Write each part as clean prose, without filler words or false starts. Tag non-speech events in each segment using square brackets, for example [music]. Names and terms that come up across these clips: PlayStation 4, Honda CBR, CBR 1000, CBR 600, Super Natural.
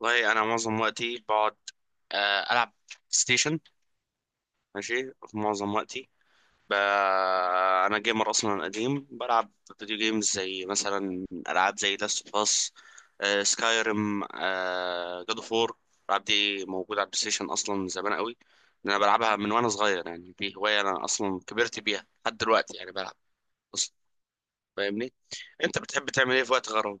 والله انا معظم وقتي بقعد. العب ستيشن. ماشي، في معظم وقتي. ب... انا جيمر اصلا قديم، بلعب فيديو جيمز زي مثلا العاب زي لاست اوف اس، سكايريم، جاد اوف وور. الالعاب دي موجوده على البلاي ستيشن اصلا من زمان قوي. انا بلعبها من وانا صغير، يعني دي هوايه انا اصلا كبرت بيها لحد دلوقتي، يعني بلعب اصلا. فاهمني؟ انت بتحب تعمل ايه في وقت غرامه؟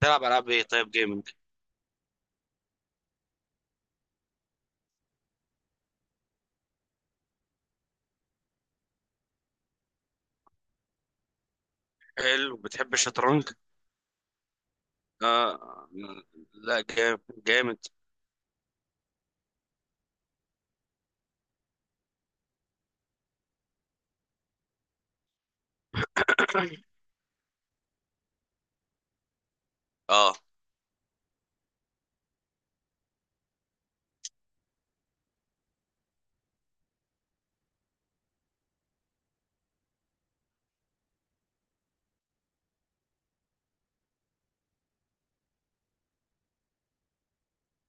تلعب العاب ايه طيب، جيمنج؟ حلو، بتحب الشطرنج؟ آه آه، لا جامد. جامد. آه.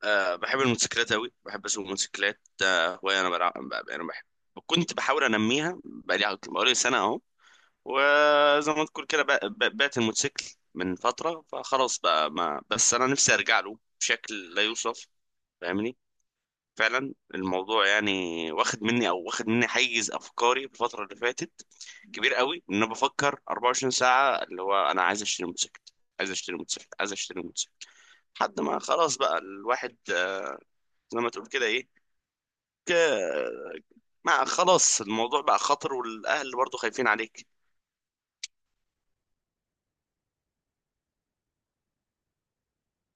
اه، بحب الموتوسيكلات أوي، بحب أسوق موتوسيكلات. آه هواية. أنا بحب، كنت بحاول أنميها بقالي سنة أهو. وزي ما تقول كده، بعت الموتوسيكل من فترة، فخلاص بقى، ما بس أنا نفسي أرجع له بشكل لا يوصف. فاهمني؟ فعلا الموضوع يعني واخد مني حيز أفكاري في الفترة اللي فاتت كبير قوي. ان انا بفكر 24 ساعه اللي هو انا عايز اشتري موتوسيكل، عايز اشتري موتوسيكل، عايز اشتري موتوسيكل، لحد ما خلاص بقى الواحد. زي ما تقول كده، ايه ك- ما خلاص، الموضوع بقى خطر، والاهل برضو خايفين عليك.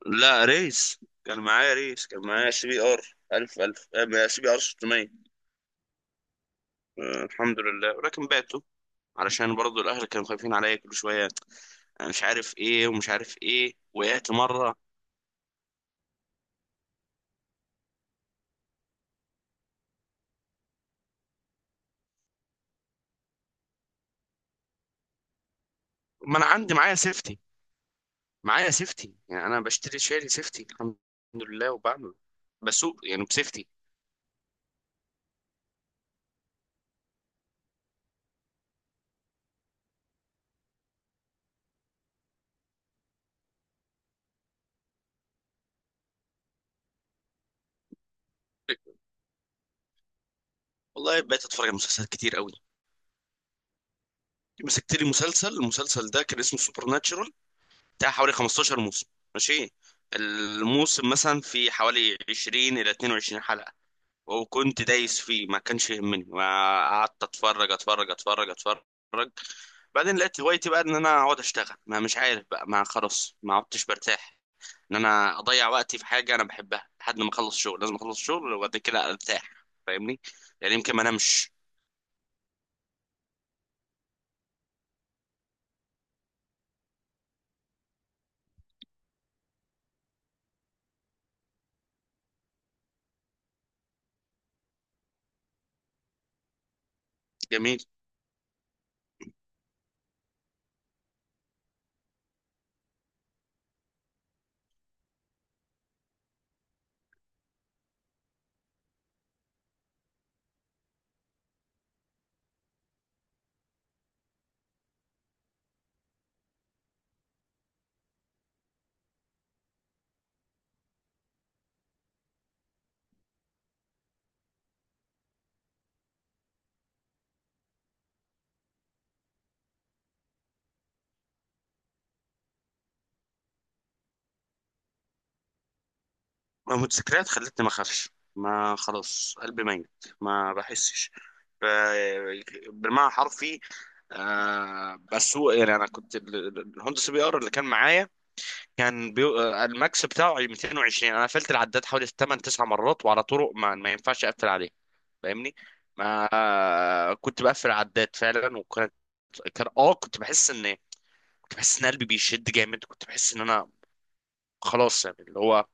لا ريس، كان معايا سي بي ار 1000، 1000 سي بي ار 600. الحمد لله، ولكن بعته علشان برضو الاهل كانوا خايفين عليا كل شويه. أنا مش عارف ايه ومش عارف ايه، وقعت مره. ما انا عندي معايا سيفتي، معايا سيفتي، يعني انا بشتري شاري سيفتي الحمد لله، وبعمل بسوق يعني بسيفتي. والله بقيت اتفرج على مسلسلات كتير قوي. مسكت لي مسلسل، المسلسل ده كان اسمه سوبر ناتشورال، بتاع حوالي 15 موسم. ماشي، الموسم مثلا في حوالي 20 الى 22 حلقة. وكنت دايس فيه، ما كانش يهمني. ما قعدت اتفرج اتفرج اتفرج اتفرج. بعدين لقيت هوايتي بقى ان انا اقعد اشتغل، ما مش عارف بقى، ما خلاص ما عدتش برتاح ان انا اضيع وقتي في حاجة انا بحبها، لحد ما اخلص شغل. لازم اخلص شغل وبعد كده ارتاح. فاهمني؟ يعني يمكن ما انامش. جميل. المتذكرات خلتني ما اخافش، ما خلاص قلبي ميت، ما بحسش ب- بالمعنى حرفي. آه، بس هو يعني انا كنت الهوندا سي بي ار اللي كان معايا، الماكس بتاعه 220. انا قفلت العداد حوالي 8 9 مرات، وعلى طرق ما ينفعش اقفل عليه. فاهمني؟ ما آه، كنت بقفل العداد فعلا. وكانت، كان كنت بحس ان، كنت بحس ان قلبي بيشد جامد. كنت بحس ان انا خلاص، يعني اللي هو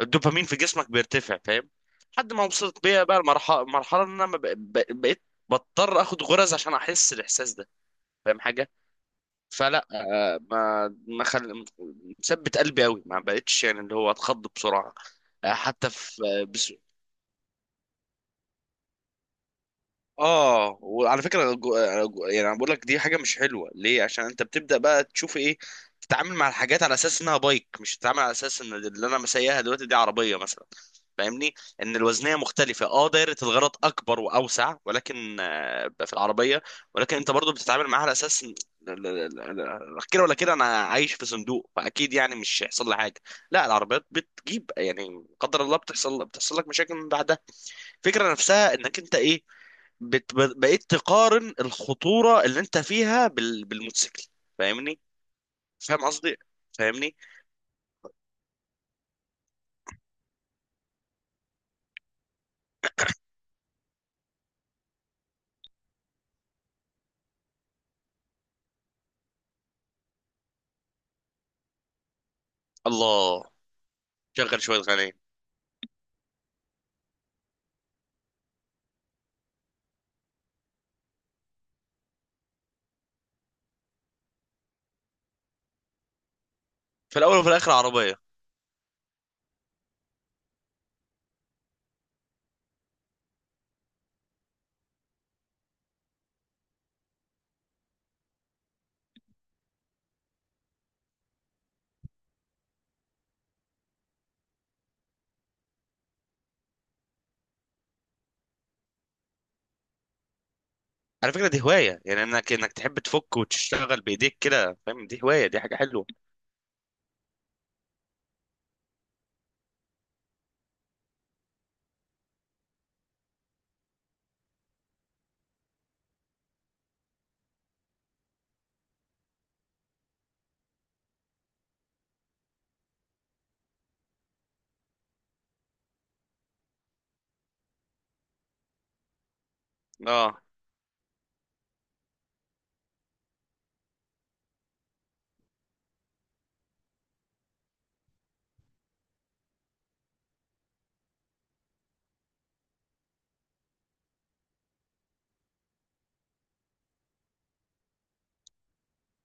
الدوبامين في جسمك بيرتفع. فاهم؟ لحد ما وصلت بيا بقى المرحله، مرحله ان انا ما بق- بق- بقيت بضطر اخد غرز عشان احس الاحساس ده. فاهم حاجه؟ فلا آه، ما ما خل... مثبت قلبي قوي، ما بقتش يعني اللي هو اتخض بسرعه. حتى في، اه وعلى فكره يعني انا بقول لك دي حاجه مش حلوه ليه؟ عشان انت بتبدا بقى تشوف ايه، تتعامل مع الحاجات على اساس انها بايك، مش تتعامل على اساس ان اللي انا مسيها دلوقتي دي عربيه مثلا. فاهمني؟ ان الوزنيه مختلفه، اه دايره الغلط اكبر واوسع، ولكن في العربيه، ولكن انت برضو بتتعامل معاها على اساس لا، كده ولا كده انا عايش في صندوق، فاكيد يعني مش هيحصل لي حاجه. لا، العربيات بتجيب يعني قدر الله، بتحصل، بتحصل لك مشاكل من بعدها. الفكره نفسها انك انت ايه، بقيت تقارن الخطورة اللي انت فيها بالموتوسيكل. فاهمني؟ فاهم قصدي؟ فاهمني؟ الله، شغل شوية غنية. في الأول وفي الآخر عربية. على فكرة دي هواية، يعني انك انك تحب تفك وتشتغل بإيديك كده، فاهم؟ دي هواية، دي حاجة حلوة. اه،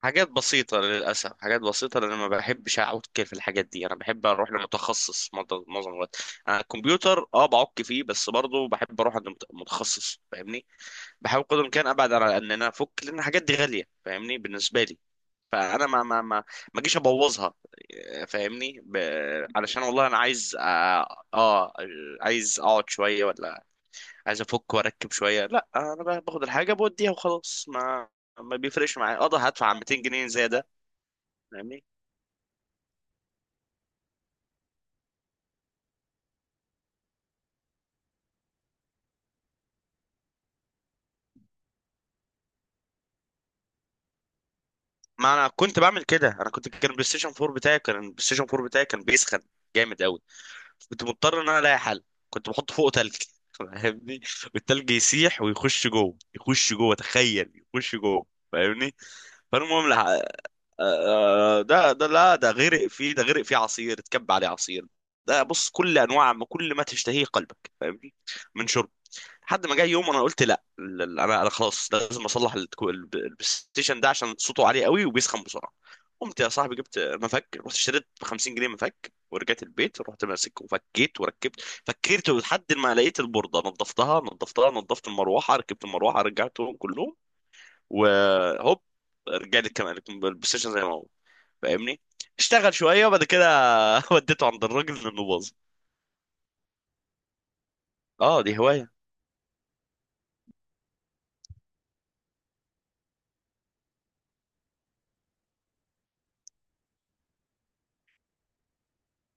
حاجات بسيطة للأسف، حاجات بسيطة، لأن ما بحبش أعك في الحاجات دي. أنا بحب أروح لمتخصص معظم الوقت. أنا الكمبيوتر أه بعك فيه، بس برضه بحب أروح عند متخصص. فاهمني؟ بحاول قدر الامكان ابعد على ان انا افك، لان الحاجات دي غاليه فاهمني، بالنسبه لي. فانا ما اجيش ابوظها. فاهمني؟ علشان، والله انا عايز عايز اقعد شويه، ولا عايز افك واركب شويه؟ لا، انا باخد الحاجه بوديها وخلاص. ما بيفرقش معايا، اقدر هدفع 200 جنيه زياده. فاهمني؟ ما انا كنت بعمل كده. انا كنت، كان البلاي ستيشن 4 بتاعي كان بيسخن جامد قوي. كنت مضطر ان انا الاقي حل. كنت بحط فوقه تلج. [laughs] فاهمني؟ والتلج يسيح ويخش جوه، يخش جوه تخيل، يخش جوه. فاهمني؟ فالمهم لح... آه، آه، ده، لا، ده غرق فيه، ده غرق فيه عصير، اتكب عليه عصير. ده بص، كل انواع ما كل ما تشتهيه قلبك، فاهمني؟ من، لحد ما جه يوم انا قلت لا انا خلاص لازم اصلح البلاي ستيشن ده، عشان صوته عالي قوي وبيسخن بسرعه. قمت يا صاحبي جبت مفك، رحت اشتريت ب 50 جنيه مفك، ورجعت البيت رحت ماسك وفكيت وركبت. فكرت لحد ما لقيت البورده، نظفتها، نظفت المروحه، ركبت المروحه، رجعتهم كلهم، وهوب، رجع لي كمان البلاي ستيشن زي ما هو. فاهمني؟ اشتغل شويه، وبعد كده [laughs] وديته عند الراجل لانه باظ. اه، دي هوايه،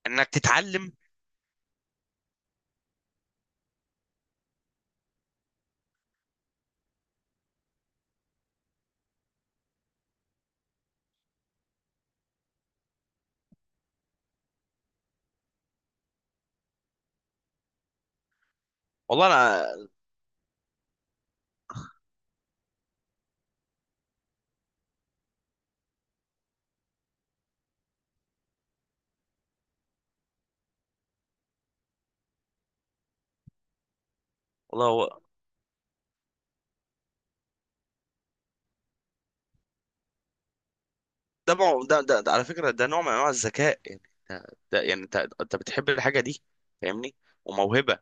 انك تتعلم. والله انا، والله، ده على فكرة ده نوع من انواع الذكاء، يعني ده, ده، يعني انت، انت بتحب الحاجة دي، فاهمني؟ وموهبة.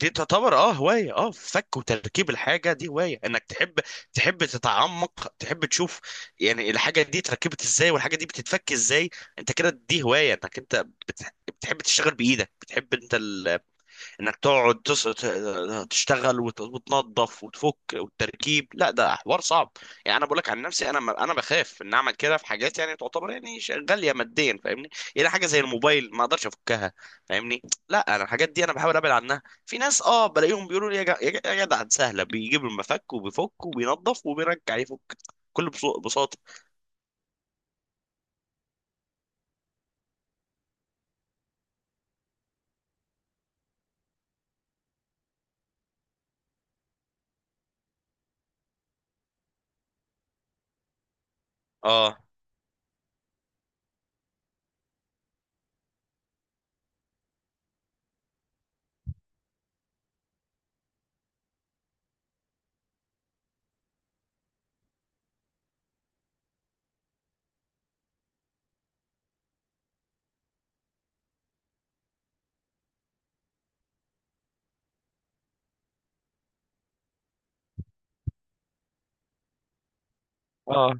دي تعتبر اه هواية، اه فك وتركيب. الحاجة دي هواية، انك تحب، تحب تتعمق، تحب تشوف يعني الحاجة دي اتركبت ازاي، والحاجة دي بتتفك ازاي. انت كده، دي هواية انك انت بتحب تشتغل بإيدك، بتحب انت انك تقعد تشتغل، وتنظف وتفك والتركيب. لا، ده حوار صعب. يعني انا بقول لك عن نفسي، انا انا بخاف ان اعمل كده في حاجات يعني تعتبر يعني غاليه ماديا، فاهمني؟ يعني حاجه زي الموبايل ما اقدرش افكها. فاهمني؟ لا، انا الحاجات دي انا بحاول ابعد عنها. في ناس اه بلاقيهم بيقولوا لي يا يا جدع دي سهله، بيجيب المفك وبيفك وبينظف وبيرجع يفك كل بساطه. اه اه،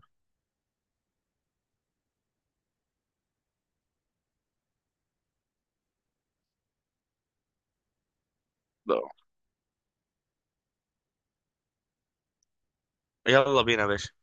يلا بينا يا باشا.